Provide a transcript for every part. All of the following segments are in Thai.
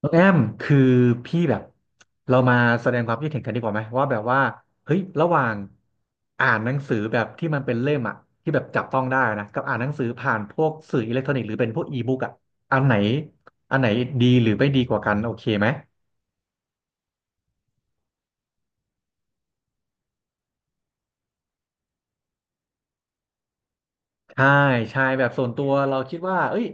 น้องแอมคือพี่แบบเรามาแสดงความคิดเห็นกันดีกว่าไหมว่าแบบว่าเฮ้ยระหว่างอ่านหนังสือแบบที่มันเป็นเล่มอะที่แบบจับต้องได้นะกับอ่านหนังสือผ่านพวกสื่ออิเล็กทรอนิกส์หรือเป็นพวกอีบุ๊กอะอันไหนอันไหนดีหรือไม่ดีกว่ากันโอเคไหมใช่ใช่แบบส่วนตัวเราคิดว่าเอ้ย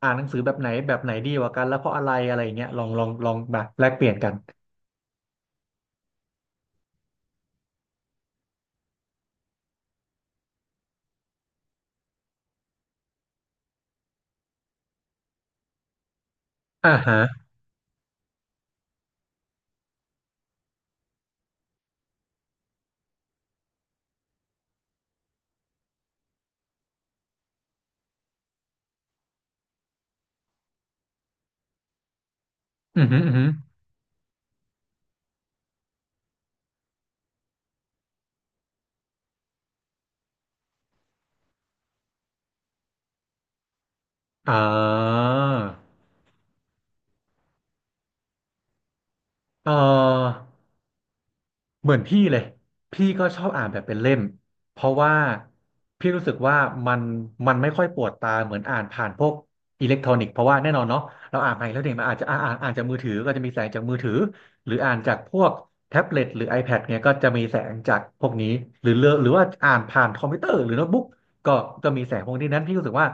อ่านหนังสือแบบไหนดีกว่ากันแล้วเพราะอะไรอะไรอย่างเงี้ยลองลองลองมาแลกเปลี่ยนกันอ่าฮะอือฮึอือฮึอ่าเออ เหมือนพี่เลยพี่ก็ชอบอ่านแบบเป็นเล่มเพราะว่าพี่รู้สึกว่ามันมันไม่ค่อยปวดตาเหมือนอ่านผ่านพวกอิเล็กทรอนิกส์เพราะว่าแน่นอนเนาะเราอ่านไปแล้วเนี่ยมันอาจจะอ่านอ่านอ่านจากมือถือก็จะมีแสงจากมือถือหรืออ่านจากพวกแท็บเล็ตหรือ iPad เนี่ยก็จะมีแสงจากพวกนี้หรือเลอกหรือว่าอ่านผ่านคอมพิวเตอร์หรือโน้ตบุ๊กก็ก็มีแสงพวกนี้นั้นพี่รู้สึกว่า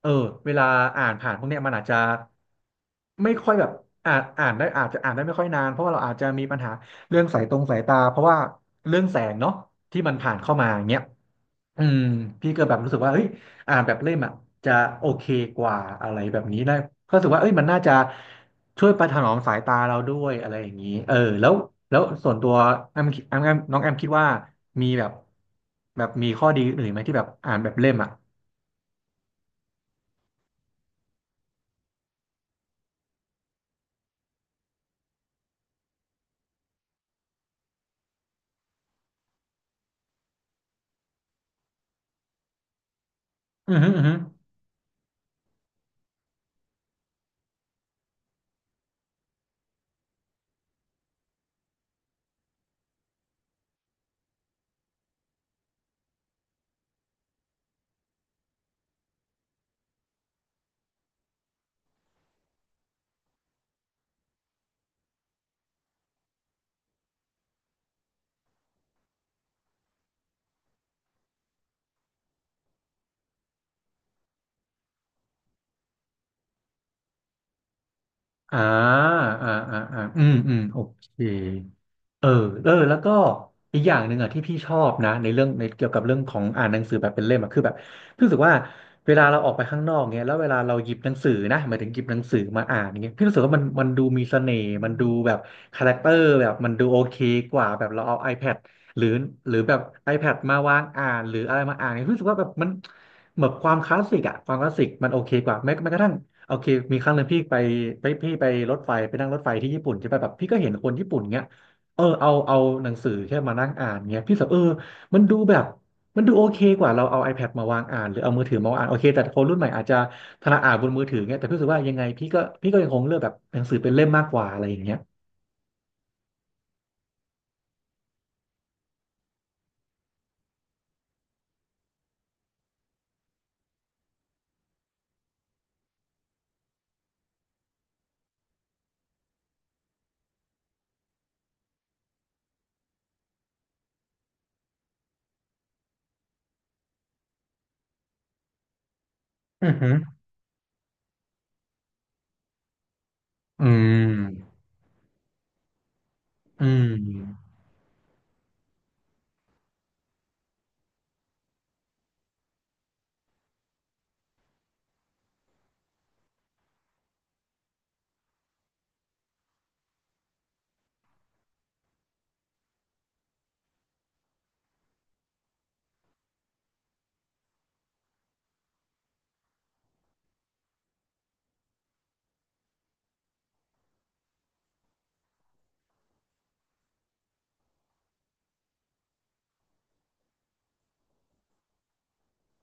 เออเวลาอ่านผ่านพวกเนี้ยมันอาจจะไม่ค่อยแบบอ่านได้อาจจะอ่านได้ไม่ค่อยนานเพราะว่าเราอาจจะมีปัญหา เรื่องสายตาเพราะว่าเรื่องแสงเนาะที่มันผ่านเข้ามาอย่างเงี้ยอืมพี่ก็แบบรู้สึกว่าเฮ้ยอ่านแบบเล่มอ่ะจะโอเคกว่าอะไรแบบนี้นะก็รู้สึกว่าเอ้ยมันน่าจะช่วยประถนอมสายตาเราด้วยอะไรอย่างนี้เออแล้วแล้วส่วนตัวแอมแอมแอมน้องแอมคิดว่ามีแบบมีข้อดีอื่นไหมที่แบบอ่านแบบเล่มอ่ะอือฮึอือฮึอ่าอ่าอ่าอ่าอืมอืมโอเค เออเออแล้วก็อีกอย่างหนึ่งอ่ะที่พี่ชอบนะในเรื่องในเกี่ยวกับเรื่องของอ่านหนังสือแบบเป็นเล่มอ่ะคือแบบพี่รู้สึกว่าเวลาเราออกไปข้างนอกเนี้ยแล้วเวลาเราหยิบหนังสือนะหมายถึงหยิบหนังสือมาอ่านอย่างเงี้ยพี่รู้สึกว่ามันดูมีเสน่ห์มันดูแบบคาแรคเตอร์แบบมันดูโอเคกว่าแบบเราเอา iPad หรือหรือแบบ iPad มาวางอ่านหรืออะไรมาอ่านเนี่ยพี่รู้สึกว่าแบบมันเหมือนความคลาสสิกอ่ะความคลาสสิกมันโอเคกว่าแม้กระทั่งโอเคมีครั้งหนึ่งพี่ไปรถไฟไปนั่งรถไฟที่ญี่ปุ่นใช่ป่ะแบบพี่ก็เห็นคนญี่ปุ่นเงี้ย เออเอาหนังสือแค่มานั่งอ่านเงี้ยพี่สับเออมันดูแบบมันดูโอเคกว่าเราเอา iPad มาวางอ่านหรือเอามือถือมาวางอ่านโอเคแต่คนรุ่นใหม่อาจจะถนัดอ่านบนมือถือเงี้ยแต่พี่รู้สึกว่ายังไงพี่ก็ยังคงเลือกแบบหนังสือเป็นเล่มมากกว่าอะไรอย่างเงี้ยอือหืออืมอืม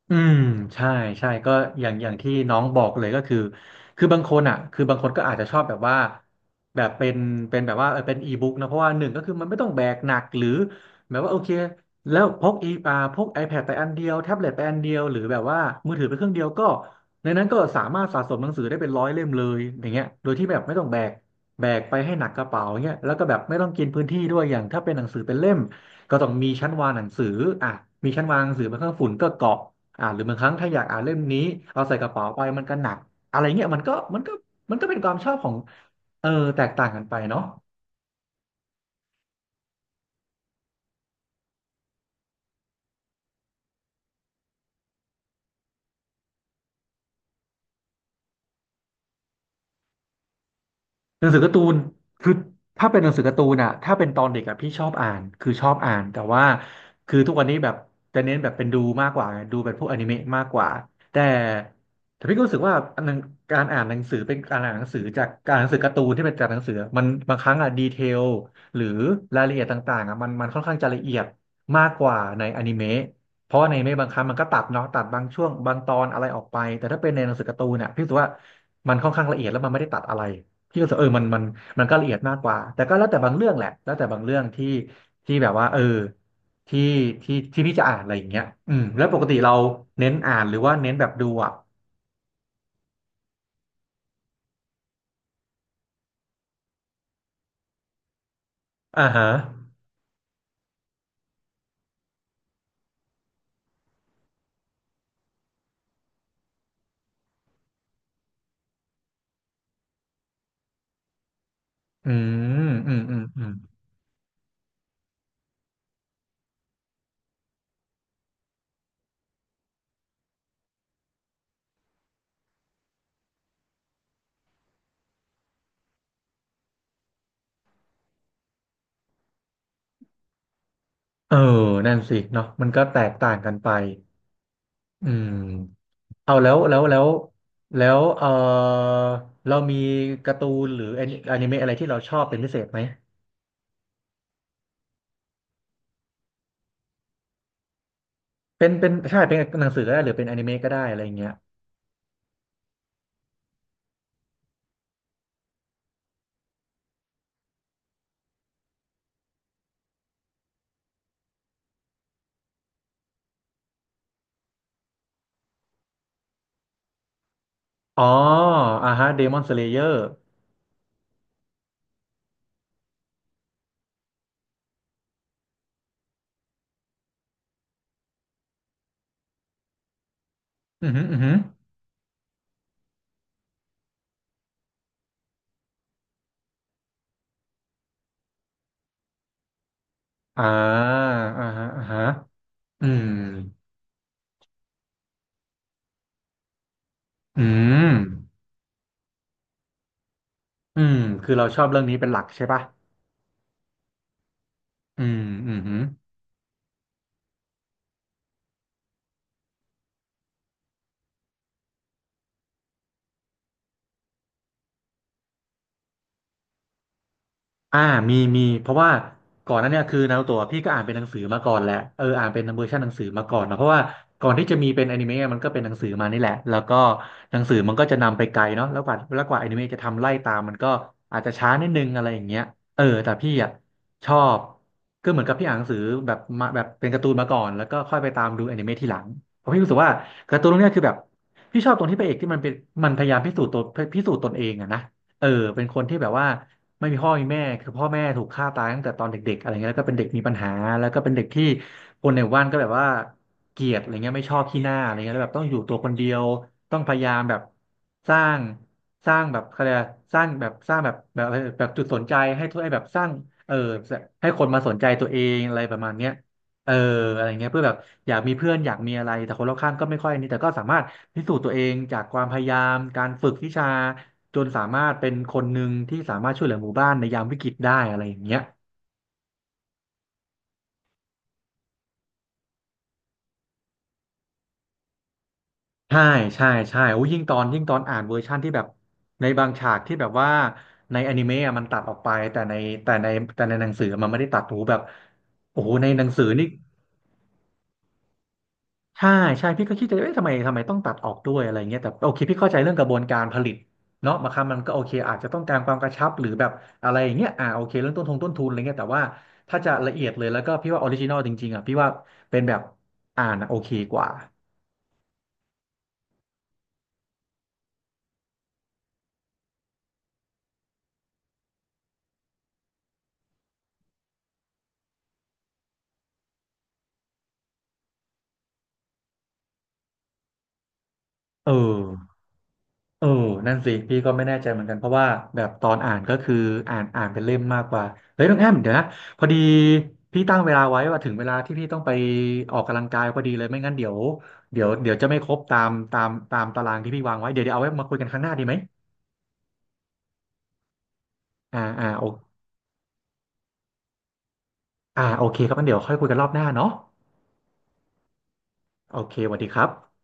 อืมใช่ใช่ก็อย่างที่น้องบอกเลยก็คือคือบางคนอ่ะคือบางคนก็อาจจะชอบแบบว่าแบบเป็นแบบว่าเออเป็นอีบุ๊กนะเพราะว่าหนึ่งก็คือมันไม่ต้องแบกหนักหรือแบบว่าโอเคแล้วพกอีอ่าพก iPad ไปอันเดียวแท็บเล็ตไปอันเดียวหรือแบบว่ามือถือไปเครื่องเดียวก็ในนั้นก็สามารถสะสมหนังสือได้เป็นร้อยเล่มเลยอย่างเงี้ยโดยที่แบบไม่ต้องแบกไปให้หนักกระเป๋าเงี้ยแล้วก็แบบไม่ต้องกินพื้นที่ด้วยอย่างถ้าเป็นหนังสือเป็นเล่มก็ต้องมีชั้นวางหนังสืออ่ะมีชั้นวางหนังสือบนเครื่องฝุ่นก็เกาะ หรือบางครั้งถ้าอยากอ่านเล่มนี้เอาใส่กระเป๋าไปมันก็หนักอะไรเงี้ยมันก็เป็นความชอบของเออแตกต่างกันไปเนาะ หนังสือการ์ตูนคือถ้าเป็นหนังสือการ์ตูนอะถ้าเป็นตอนเด็กอะพี่ชอบอ่านคือชอบอ่าน แต่ว่าคือทุกวันนี้แบบจะเน้นแบบเป็นดูมากกว่าไงดูเป็นพวกอนิเมะมากกว่าแต่แต่พี่ก็รู้สึกว่าอันหนึ่งการอ่านหนังสือเป็นการอ่านหนังสือจากการอ่านหนังสือการ์ตูนที่เป็นจากหนังสือมันบางครั้งอะดีเทลหรือรายละเอียดต่างๆอะมันค่อนข้างจะละเอียดมากกว่าในอนิเมะเพราะว่าในอนิเมะบางครั้งมันก็ตัดเนาะตัดบางช่วงบางตอนอะไรออกไปแต่ถ้าเป็นในหนังสือการ์ตูนอะพี่รู้สึกว่ามันค่อนข้างละเอียดแล้วมันไม่ได้ตัดอะไร พี่ก็รู้สึกเออมันมันก็ละเอียดมากกว่าแต่ก็แล้วแต่บางเรื่องแหละแล้วแต่บางเรื่องที่แบบว่าเออที่ที่ที่พี่จะอ่านอะไรอย่างเงี้ยอืมแล้วปกติเราเน้นอ่านหรือว่าเน้นแบบดูอ่ะอ่าฮะอือืมเออนั่นสิเนาะมันก็แตกต่างกันไปอืมเอาแล้วเออเรามีการ์ตูนหรือแอนิเมะอะไรที่เราชอบเป็นพิเศษไหมเป็นใช่เป็นหนังสือก็ได้หรือเป็นแอนิเมะก็ได้อะไรอย่างเงี้ย อ๋ออ่าฮะเดมอนสเลเยอร์ อือหืออ่าอ่าฮะอ่าฮะอืมอืมอืมคือเราชอบเรื่องนี้เป็นหลักใช่ปะอืมอืม อ่ามีเพราะว่าก่อนหนั้นเนี่ยคือนารูโตะพี่ก็อ่านเป็นหนังสือมาก่อนแหละเอออ่านเป็นเวอร์ชันหนังสือมาก่อนเนอะเพราะว่าก่อนที่จะมีเป็นอนิเมะมันก็เป็นหนังสือมานี่แหละแล้วก็หนังสือมันก็จะนำไปไกลเนาะแล้วกว่าอนิเมะจะทำไล่ตามมันก็อาจจะช้านิดนึงอะไรอย่างเงี้ยเออแต่พี่อ่ะชอบก็เหมือนกับพี่อ่านหนังสือแบบเป็นการ์ตูนมาก่อนแล้วก็ค่อยไปตามดูอนิเมะทีหลังเพราะพี่รู้สึกว่าการ์ตูนเรื่องเนี้ยคือแบบพี่ชอบตรงที่พระเอกที่มันเป็นมันพยายามพิสูจน์ตัวพิสูจน์ตนเองอะนะเออเป็นคนที่แบบว่า ไม่มีพ่อมีแม่คือพ่อแม่ถูกฆ่าตายตั้งแต่ตอนเด็กๆอะไรเงี้ยแล้วก็เป็นเด็กมีปัญหาแล้วก็เป็นเด็กที่คนในหมู่บ้านก็แบบว่าเกลียดอะไรเงี้ยไม่ชอบขี้หน้าอะไรเงี้ยแล้วแบบต้องอยู่ตัวคนเดียวต้องพยายามแบบสร้างสร้างแบบอะไรยกะสร้างแบบสร้างแบบแบบแบบจุดสนใจให้ทุกไอ้แบบสร้างเออให้คนมาสนใจตัวเองอะไรประมาณเนี้ยเอออะไรเงี้ยเพื่อแบบอยากมีเพื่อนอยากมีอะไรแต่คนรอบข้างก็ไม่ค่อยอันนี้แต่ก็สามารถพิสูจน์ตัวเองจากความพยายามการฝึกวิชา จนสามารถเป็นคนหนึ่งที่สามารถช่วยเหลือหมู่บ้านในยามวิกฤตได้อะไรอย่างเงี้ยใช่ใช่ใช่โอ้ยิ่งตอนอ่านเวอร์ชั่นที่แบบในบางฉากที่แบบว่าในอนิเมะอะมันตัดออกไปแต่ในแต่ในหนังสือมันไม่ได้ตัดโอ้โหแบบโอ้โหในหนังสือนี่ ใช่ใช่พี่ก็คิดจะเอ๊ะทำไมต้องตัดออกด้วยอะไรเงี้ยแต่โอเคพี่เข้าใจเรื่องกระบวนการผลิตเนาะบางครั้งมันก็โอเคอาจจะต้องการความกระชับหรือแบบอะไรอย่างเงี้ยอ่าโอเคเรื่องต้นทุนอะไรเงี้ยแต่ว่าถ้าจะละเอียดเลยแล้วก็พี่ว่าออริจินอลจริงๆอ่ะพี่ว่าเป็นแบบอ่านอะโอเคกว่าเออ เออนั่นสิพี่ก็ไม่แน่ใจเหมือนกันเพราะว่าแบบตอนอ่านก็คืออ่านเป็นเล่มมากกว่าเฮ้ยน้องแอมเดี๋ยวนะพอดีพี่ตั้งเวลาไว้ว่าถึงเวลาที่พี่ต้องไปออกกำลังกายพอดีเลยไม่งั้นเดี๋ยวจะไม่ครบตามตามตารางที่พี่วางไว้เดี๋ยวเอาไว้มาคุยกันครั้งหน้าดีไหมอ่าอ่าโออ่าโอเคครับงั้นเดี๋ยวค่อยคุยกันรอบหน้าเนาะโอเคสวัสดีครับ